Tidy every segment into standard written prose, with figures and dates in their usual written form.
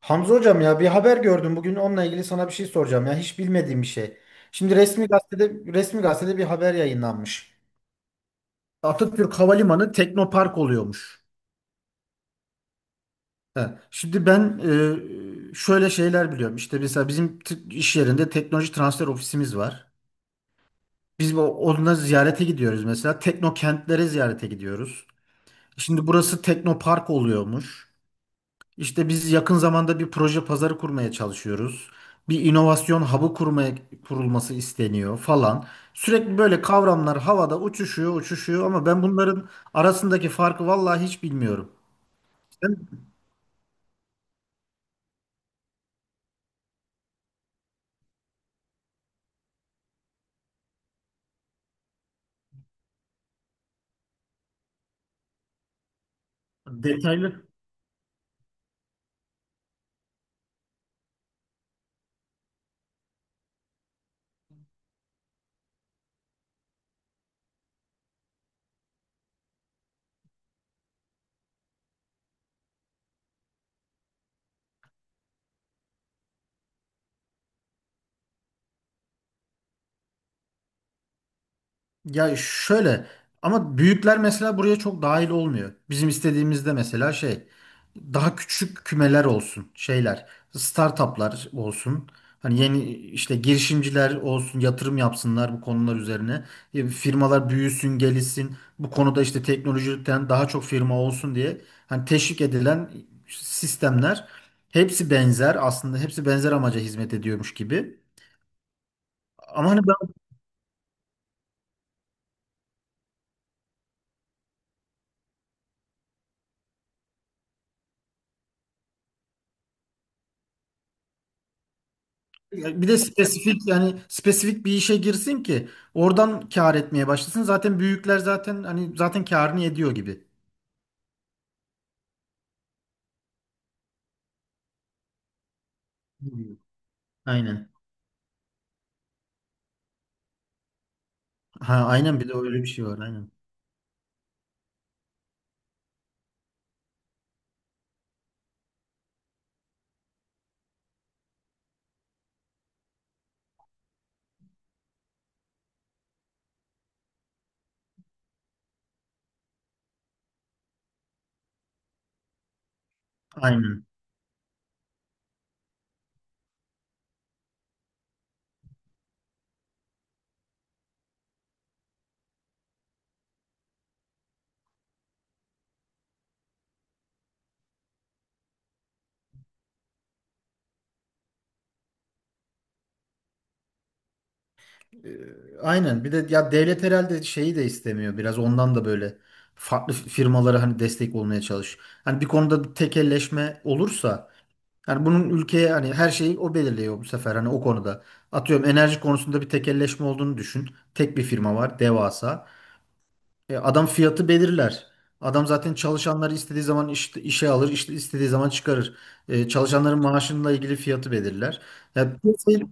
Hamza hocam ya bir haber gördüm. Bugün onunla ilgili sana bir şey soracağım. Ya hiç bilmediğim bir şey. Şimdi resmi gazetede bir haber yayınlanmış. Atatürk Havalimanı Teknopark oluyormuş. He. Şimdi ben şöyle şeyler biliyorum. İşte mesela bizim iş yerinde teknoloji transfer ofisimiz var. Biz onunla ziyarete gidiyoruz mesela. Teknokentlere ziyarete gidiyoruz. Şimdi burası Teknopark oluyormuş. İşte biz yakın zamanda bir proje pazarı kurmaya çalışıyoruz. Bir inovasyon hub'ı kurulması isteniyor falan. Sürekli böyle kavramlar havada uçuşuyor, uçuşuyor ama ben bunların arasındaki farkı vallahi hiç bilmiyorum. Sen detaylı. Ya şöyle, ama büyükler mesela buraya çok dahil olmuyor. Bizim istediğimizde mesela şey, daha küçük kümeler olsun, şeyler, startuplar olsun. Hani yeni işte girişimciler olsun, yatırım yapsınlar bu konular üzerine. Firmalar büyüsün gelişsin bu konuda, işte teknolojiden daha çok firma olsun diye. Hani teşvik edilen sistemler, hepsi benzer aslında, hepsi benzer amaca hizmet ediyormuş gibi. Ama hani. Ya, bir de spesifik, yani spesifik bir işe girsin ki oradan kâr etmeye başlasın. Zaten büyükler zaten hani zaten kârını ediyor gibi. Hmm. Aynen. Ha, aynen, bir de öyle bir şey var, aynen. Aynen. Ee, aynen. Bir de ya devlet herhalde şeyi de istemiyor. Biraz ondan da böyle farklı firmalara hani destek olmaya çalış. Hani bir konuda bir tekelleşme olursa, yani bunun ülkeye hani her şeyi o belirliyor bu sefer hani o konuda. Atıyorum enerji konusunda bir tekelleşme olduğunu düşün. Tek bir firma var, devasa. Adam fiyatı belirler. Adam zaten çalışanları istediği zaman işe alır, işte istediği zaman çıkarır. Çalışanların maaşıyla ilgili fiyatı belirler. Ya,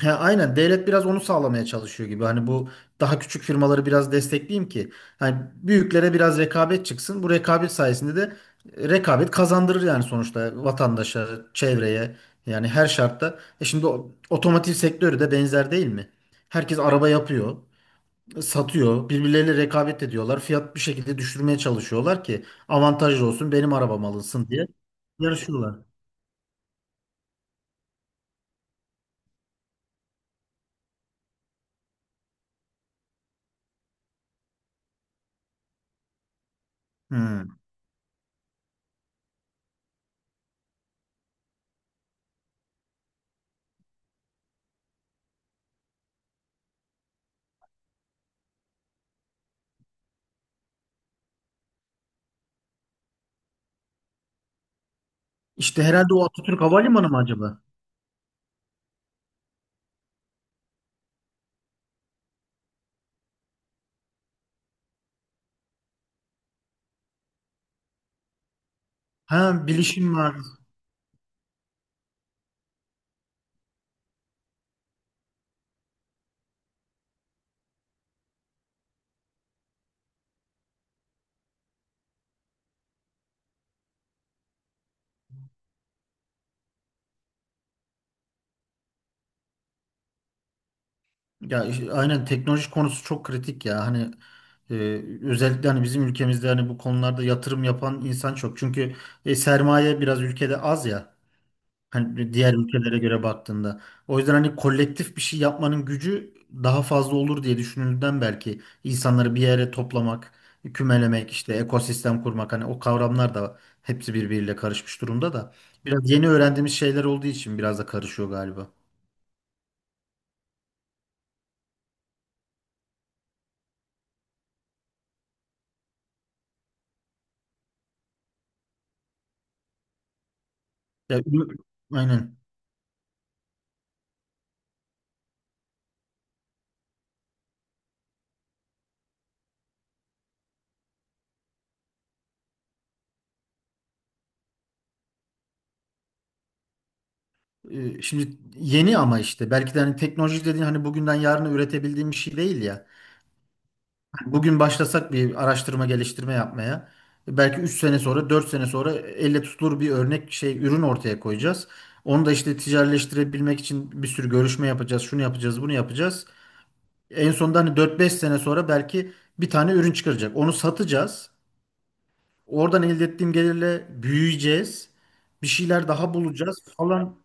he, aynen, devlet biraz onu sağlamaya çalışıyor gibi. Hani bu daha küçük firmaları biraz destekleyeyim ki hani büyüklere biraz rekabet çıksın. Bu rekabet sayesinde de rekabet kazandırır yani sonuçta vatandaşa, çevreye, yani her şartta. E şimdi otomotiv sektörü de benzer değil mi? Herkes araba yapıyor, satıyor. Birbirleriyle rekabet ediyorlar. Fiyat bir şekilde düşürmeye çalışıyorlar ki avantajlı olsun, benim arabam alınsın diye yarışıyorlar. Hmm. İşte herhalde o Atatürk Havalimanı mı acaba? Ha, bilişim var. Ya işte aynen, teknoloji konusu çok kritik ya. Hani e, özellikle hani bizim ülkemizde hani bu konularda yatırım yapan insan çok. Çünkü sermaye biraz ülkede az ya. Hani diğer ülkelere göre baktığında. O yüzden hani kolektif bir şey yapmanın gücü daha fazla olur diye düşünüldüğünden, belki insanları bir yere toplamak, kümelemek, işte ekosistem kurmak, hani o kavramlar da hepsi birbiriyle karışmış durumda da. Biraz yeni öğrendiğimiz şeyler olduğu için biraz da karışıyor galiba. Ya, aynen. Şimdi yeni, ama işte belki de hani teknoloji dediğin hani bugünden yarına üretebildiğim bir şey değil ya. Bugün başlasak bir araştırma geliştirme yapmaya. Belki 3 sene sonra, 4 sene sonra elle tutulur bir örnek şey ürün ortaya koyacağız. Onu da işte ticaretleştirebilmek için bir sürü görüşme yapacağız. Şunu yapacağız, bunu yapacağız. En sonunda hani 4 5 sene sonra belki bir tane ürün çıkaracak. Onu satacağız. Oradan elde ettiğim gelirle büyüyeceğiz. Bir şeyler daha bulacağız falan.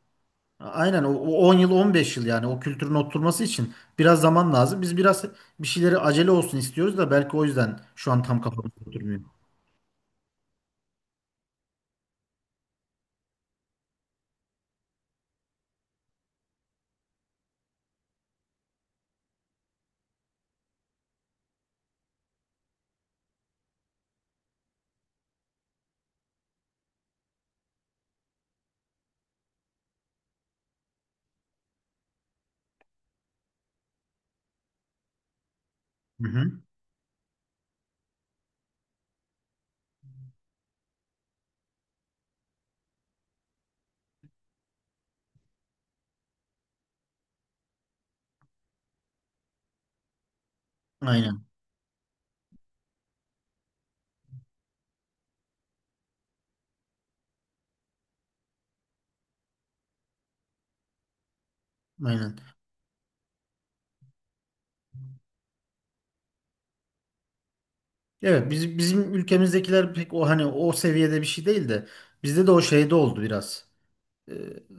Aynen, o 10 yıl 15 yıl, yani o kültürün oturması için biraz zaman lazım. Biz biraz bir şeyleri acele olsun istiyoruz da belki o yüzden şu an tam kafamız oturmuyor. Hı hı. Aynen. Aynen. Evet, biz, bizim ülkemizdekiler pek o hani o seviyede bir şey değil de bizde de o şeyde oldu biraz. e,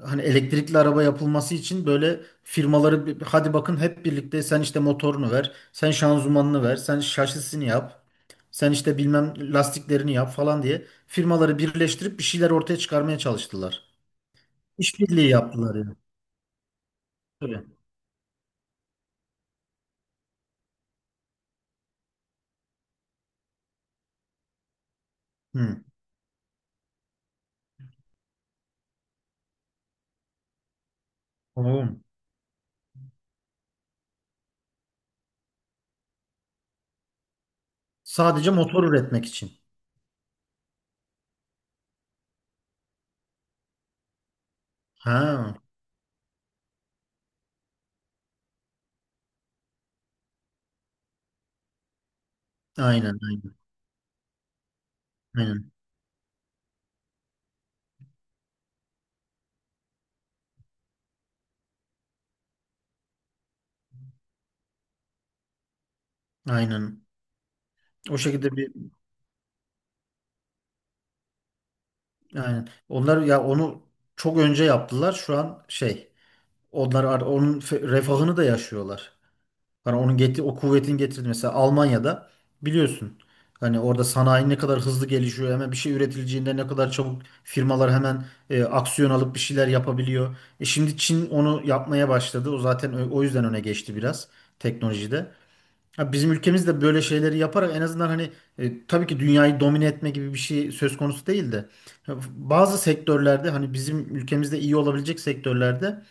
Hani elektrikli araba yapılması için böyle firmaları hadi bakın hep birlikte, sen işte motorunu ver, sen şanzımanını ver, sen şasisini yap, sen işte bilmem lastiklerini yap falan diye firmaları birleştirip bir şeyler ortaya çıkarmaya çalıştılar. İşbirliği yaptılar yani. Tabii. Hı. Oğlum. Sadece motor üretmek için. Ha, aynen aynen. Aynen. Aynen. O şekilde bir, aynen. Onlar ya onu çok önce yaptılar. Şu an şey. Onlar onun refahını da yaşıyorlar. Hani onun getir, o kuvvetin getirdi mesela Almanya'da, biliyorsun. Hani orada sanayi ne kadar hızlı gelişiyor, hemen bir şey üretileceğinde ne kadar çabuk firmalar hemen aksiyon alıp bir şeyler yapabiliyor. E şimdi Çin onu yapmaya başladı. O zaten o yüzden öne geçti biraz teknolojide. Ha, bizim ülkemiz de böyle şeyleri yaparak en azından hani tabii ki dünyayı domine etme gibi bir şey söz konusu değil de, bazı sektörlerde hani bizim ülkemizde iyi olabilecek sektörlerde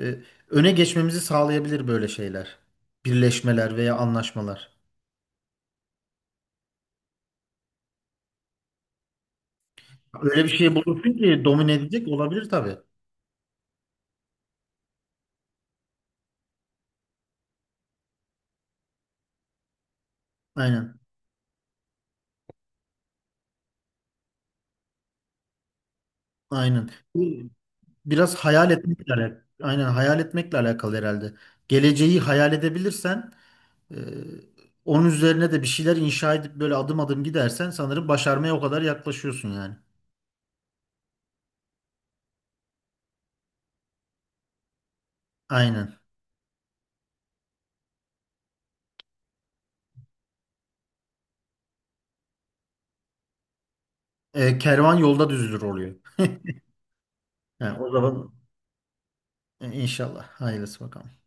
e, öne geçmemizi sağlayabilir böyle şeyler. Birleşmeler veya anlaşmalar. Öyle bir şey bulursun ki domine edecek olabilir tabii. Aynen. Aynen. Bu. Biraz hayal etmekle alakalı. Aynen, hayal etmekle alakalı herhalde. Geleceği hayal edebilirsen e, onun üzerine de bir şeyler inşa edip böyle adım adım gidersen sanırım başarmaya o kadar yaklaşıyorsun yani. Aynen. E, kervan yolda düzülür oluyor. Yani o zaman inşallah. Hayırlısı bakalım.